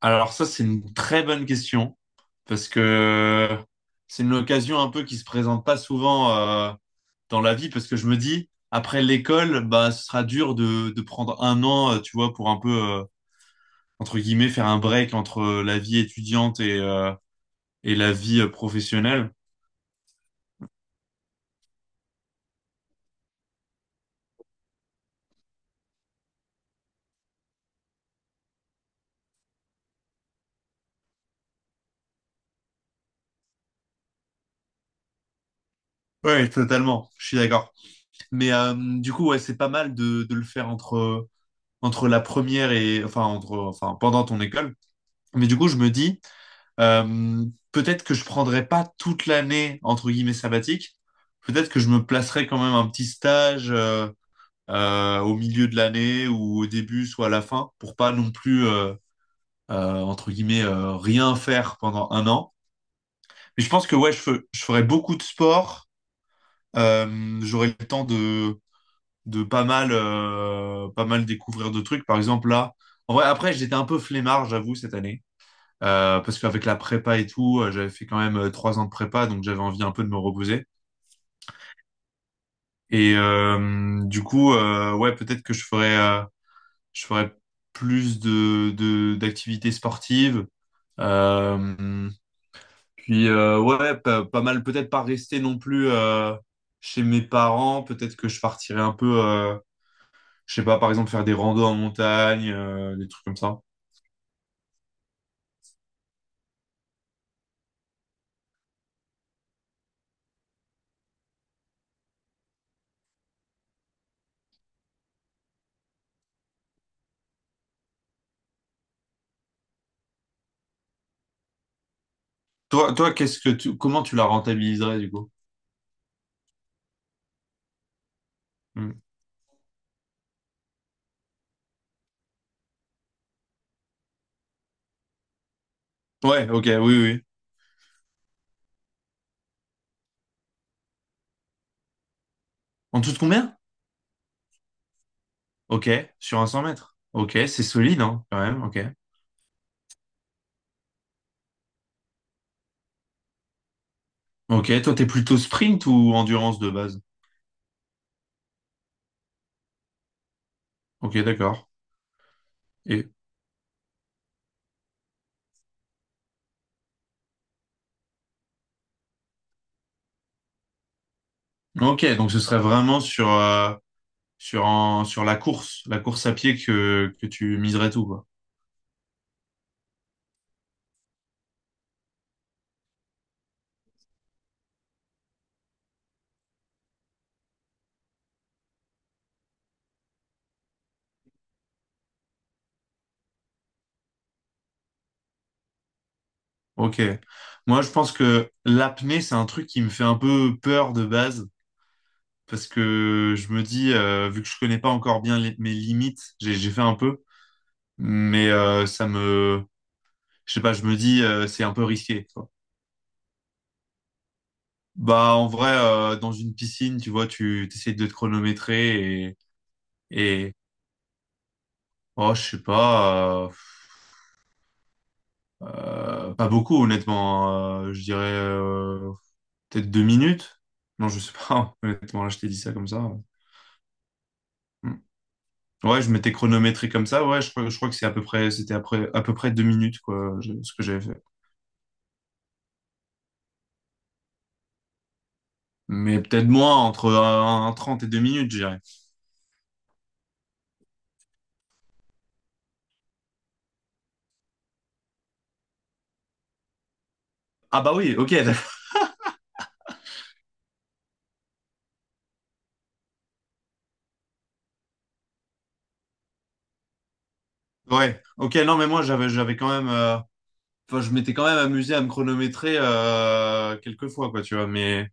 Alors ça, c'est une très bonne question parce que c'est une occasion un peu qui se présente pas souvent euh, dans la vie parce que je me dis, après l'école, bah, ce sera dur de prendre un an, tu vois, pour un peu, entre guillemets, faire un break entre la vie étudiante et et la vie professionnelle. Ouais, totalement, je suis d'accord. Mais du coup, ouais, c'est pas mal de le faire entre la première et pendant ton école. Mais du coup, je me dis, Euh, peut-être que je prendrai pas toute l'année entre guillemets sabbatique. Peut-être que je me placerai quand même un petit stage au milieu de l'année ou au début, soit à la fin, pour pas non plus entre guillemets rien faire pendant un an. Mais je pense que ouais, je ferai beaucoup de sport. J'aurai le temps de pas mal pas mal découvrir de trucs. Par exemple là, en vrai, après j'étais un peu flemmard, j'avoue cette année. Parce qu'avec la prépa et tout, j'avais fait quand même trois ans de prépa, donc j'avais envie un peu de me reposer. Et du coup, ouais, peut-être que je ferais plus d'activités sportives. Euh, puis ouais, pas mal, peut-être pas rester non plus chez mes parents. Peut-être que je partirais un peu, je sais pas, par exemple faire des randos en montagne, des trucs comme ça. Toi, qu'est-ce que tu, comment tu la rentabiliserais du coup? Hmm. Ouais, ok, oui, oui, oui. En tout de combien? Ok, sur un 100 mètres. Ok, c'est solide, hein, quand même. Ok. Ok, toi, t'es plutôt sprint ou endurance de base? Ok, d'accord. Et ok, donc ce serait vraiment sur sur sur la course à pied que tu miserais tout, quoi. Ok. Moi, je pense que l'apnée, c'est un truc qui me fait un peu peur de base parce que je me dis, vu que je connais pas encore bien mes limites, j'ai fait un peu, mais ça me, je sais pas, je me dis, c'est un peu risqué. Bah, en vrai, dans une piscine, tu vois, tu essaies de te chronométrer et oh, je sais pas, pas beaucoup, honnêtement. Je dirais peut-être deux minutes. Non, je sais pas, honnêtement, là, je t'ai dit ça comme ça. Mm. Ouais, je m'étais chronométré comme ça. Ouais, je crois que c'est à peu près, c'était après, à peu près deux minutes, quoi, ce que j'avais fait. Mais peut-être moins, entre un 30 et deux minutes, je dirais. Ah, bah oui, ok. Ouais, ok, non, mais moi, j'avais quand même. Enfin, je m'étais quand même amusé à me chronométrer quelques fois, quoi, tu vois. Mais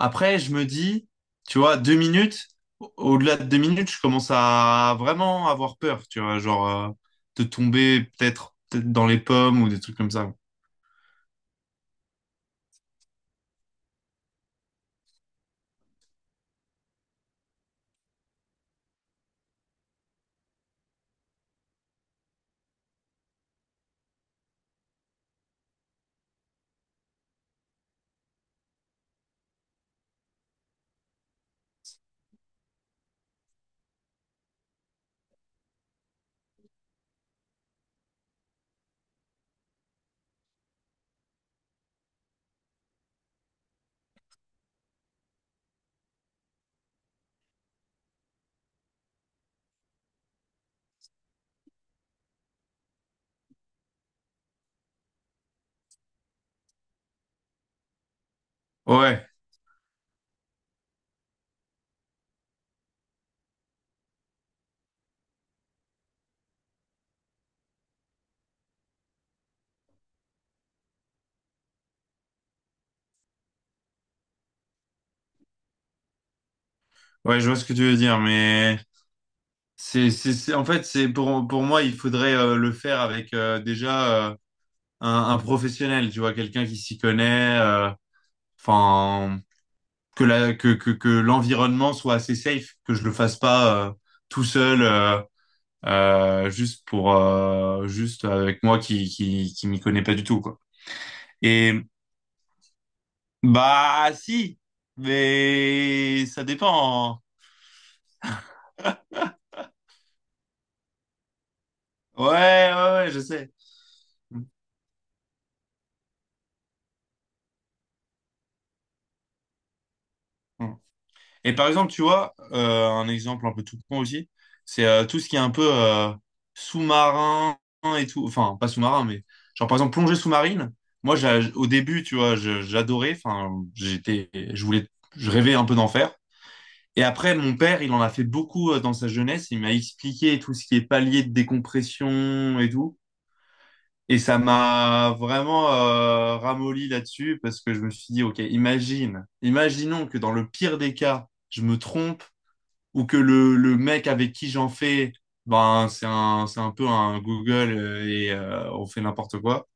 après, je me dis, tu vois, deux minutes, au-delà de deux minutes, je commence à vraiment avoir peur, tu vois, genre de tomber peut-être dans les pommes ou des trucs comme ça. Ouais, ouais, je vois ce que tu veux dire, mais en fait, c'est pour moi, il faudrait le faire avec déjà un professionnel, tu vois, quelqu'un qui s'y connaît. Enfin, que que l'environnement soit assez safe, que je le fasse pas tout seul juste pour juste avec moi qui m'y connais pas du tout quoi. Et bah si, mais ça dépend, hein. Ouais ouais, ouais je sais. Mm. Et par exemple, tu vois, un exemple un peu tout con aussi, c'est tout ce qui est un peu sous-marin et tout. Enfin, pas sous-marin, mais genre par exemple plongée sous-marine. Moi, au début, tu vois, j'adorais. Enfin, j'étais, je voulais, je rêvais un peu d'en faire. Et après, mon père, il en a fait beaucoup dans sa jeunesse. Il m'a expliqué tout ce qui est palier de décompression et tout. Et ça m'a vraiment ramolli là-dessus parce que je me suis dit, OK, imagine, imaginons que dans le pire des cas, je me trompe ou que le mec avec qui j'en fais, ben, c'est un peu un Google et on fait n'importe quoi.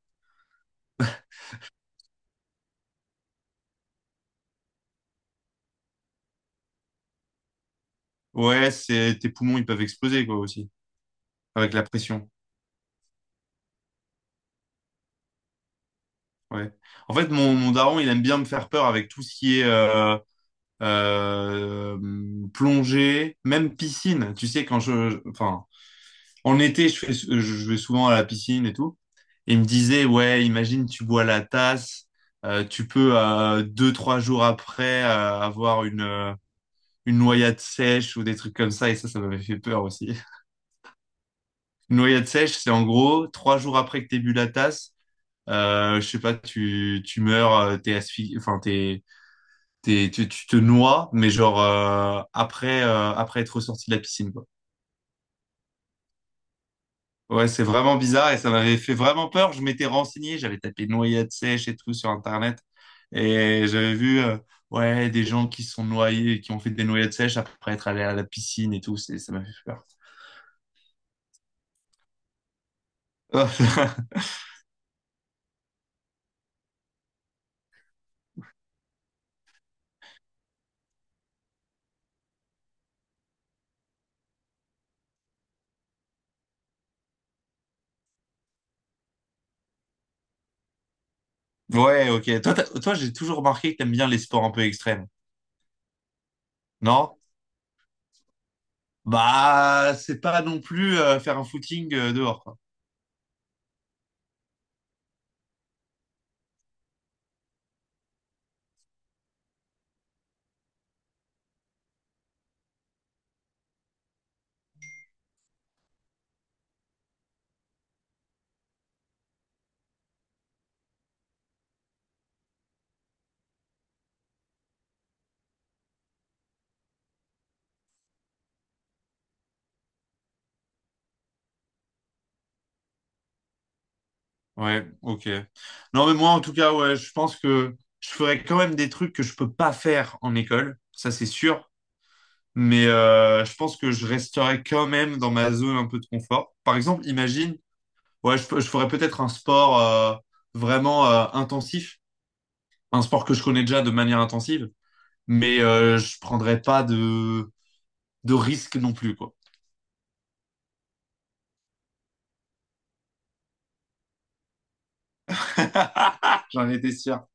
Ouais, c'est, tes poumons, ils peuvent exploser, quoi, aussi, avec la pression. Ouais. En fait, mon daron, il aime bien me faire peur avec tout ce qui est euh, plongée, même piscine. Tu sais, enfin, en été, je vais souvent à la piscine et tout. Et il me disait, ouais, imagine, tu bois la tasse, tu peux deux, trois jours après avoir une noyade sèche ou des trucs comme ça, et ça, ça m'avait fait peur aussi. Une noyade sèche, c'est en gros, trois jours après que t'aies bu la tasse, je sais pas, tu meurs, t'es asphyxié, enfin, tu te noies, mais genre, après être ressorti de la piscine, quoi. Ouais, c'est vraiment bizarre et ça m'avait fait vraiment peur. Je m'étais renseigné, j'avais tapé noyade sèche et tout sur Internet et j'avais vu, ouais, des gens qui sont noyés, qui ont fait des noyades sèches après être allés à la piscine et tout. Ça m'a fait peur. Ouais, ok. Toi, j'ai toujours remarqué que t'aimes bien les sports un peu extrêmes, non? Bah, c'est pas non plus faire un footing dehors, quoi. Ouais, ok. Non, mais moi, en tout cas, ouais, je pense que je ferais quand même des trucs que je peux pas faire en école, ça c'est sûr. Mais je pense que je resterais quand même dans ma zone un peu de confort. Par exemple, imagine, ouais, je ferais peut-être un sport vraiment intensif, un sport que je connais déjà de manière intensive, mais je prendrais pas de risque non plus, quoi. J'en étais sûr.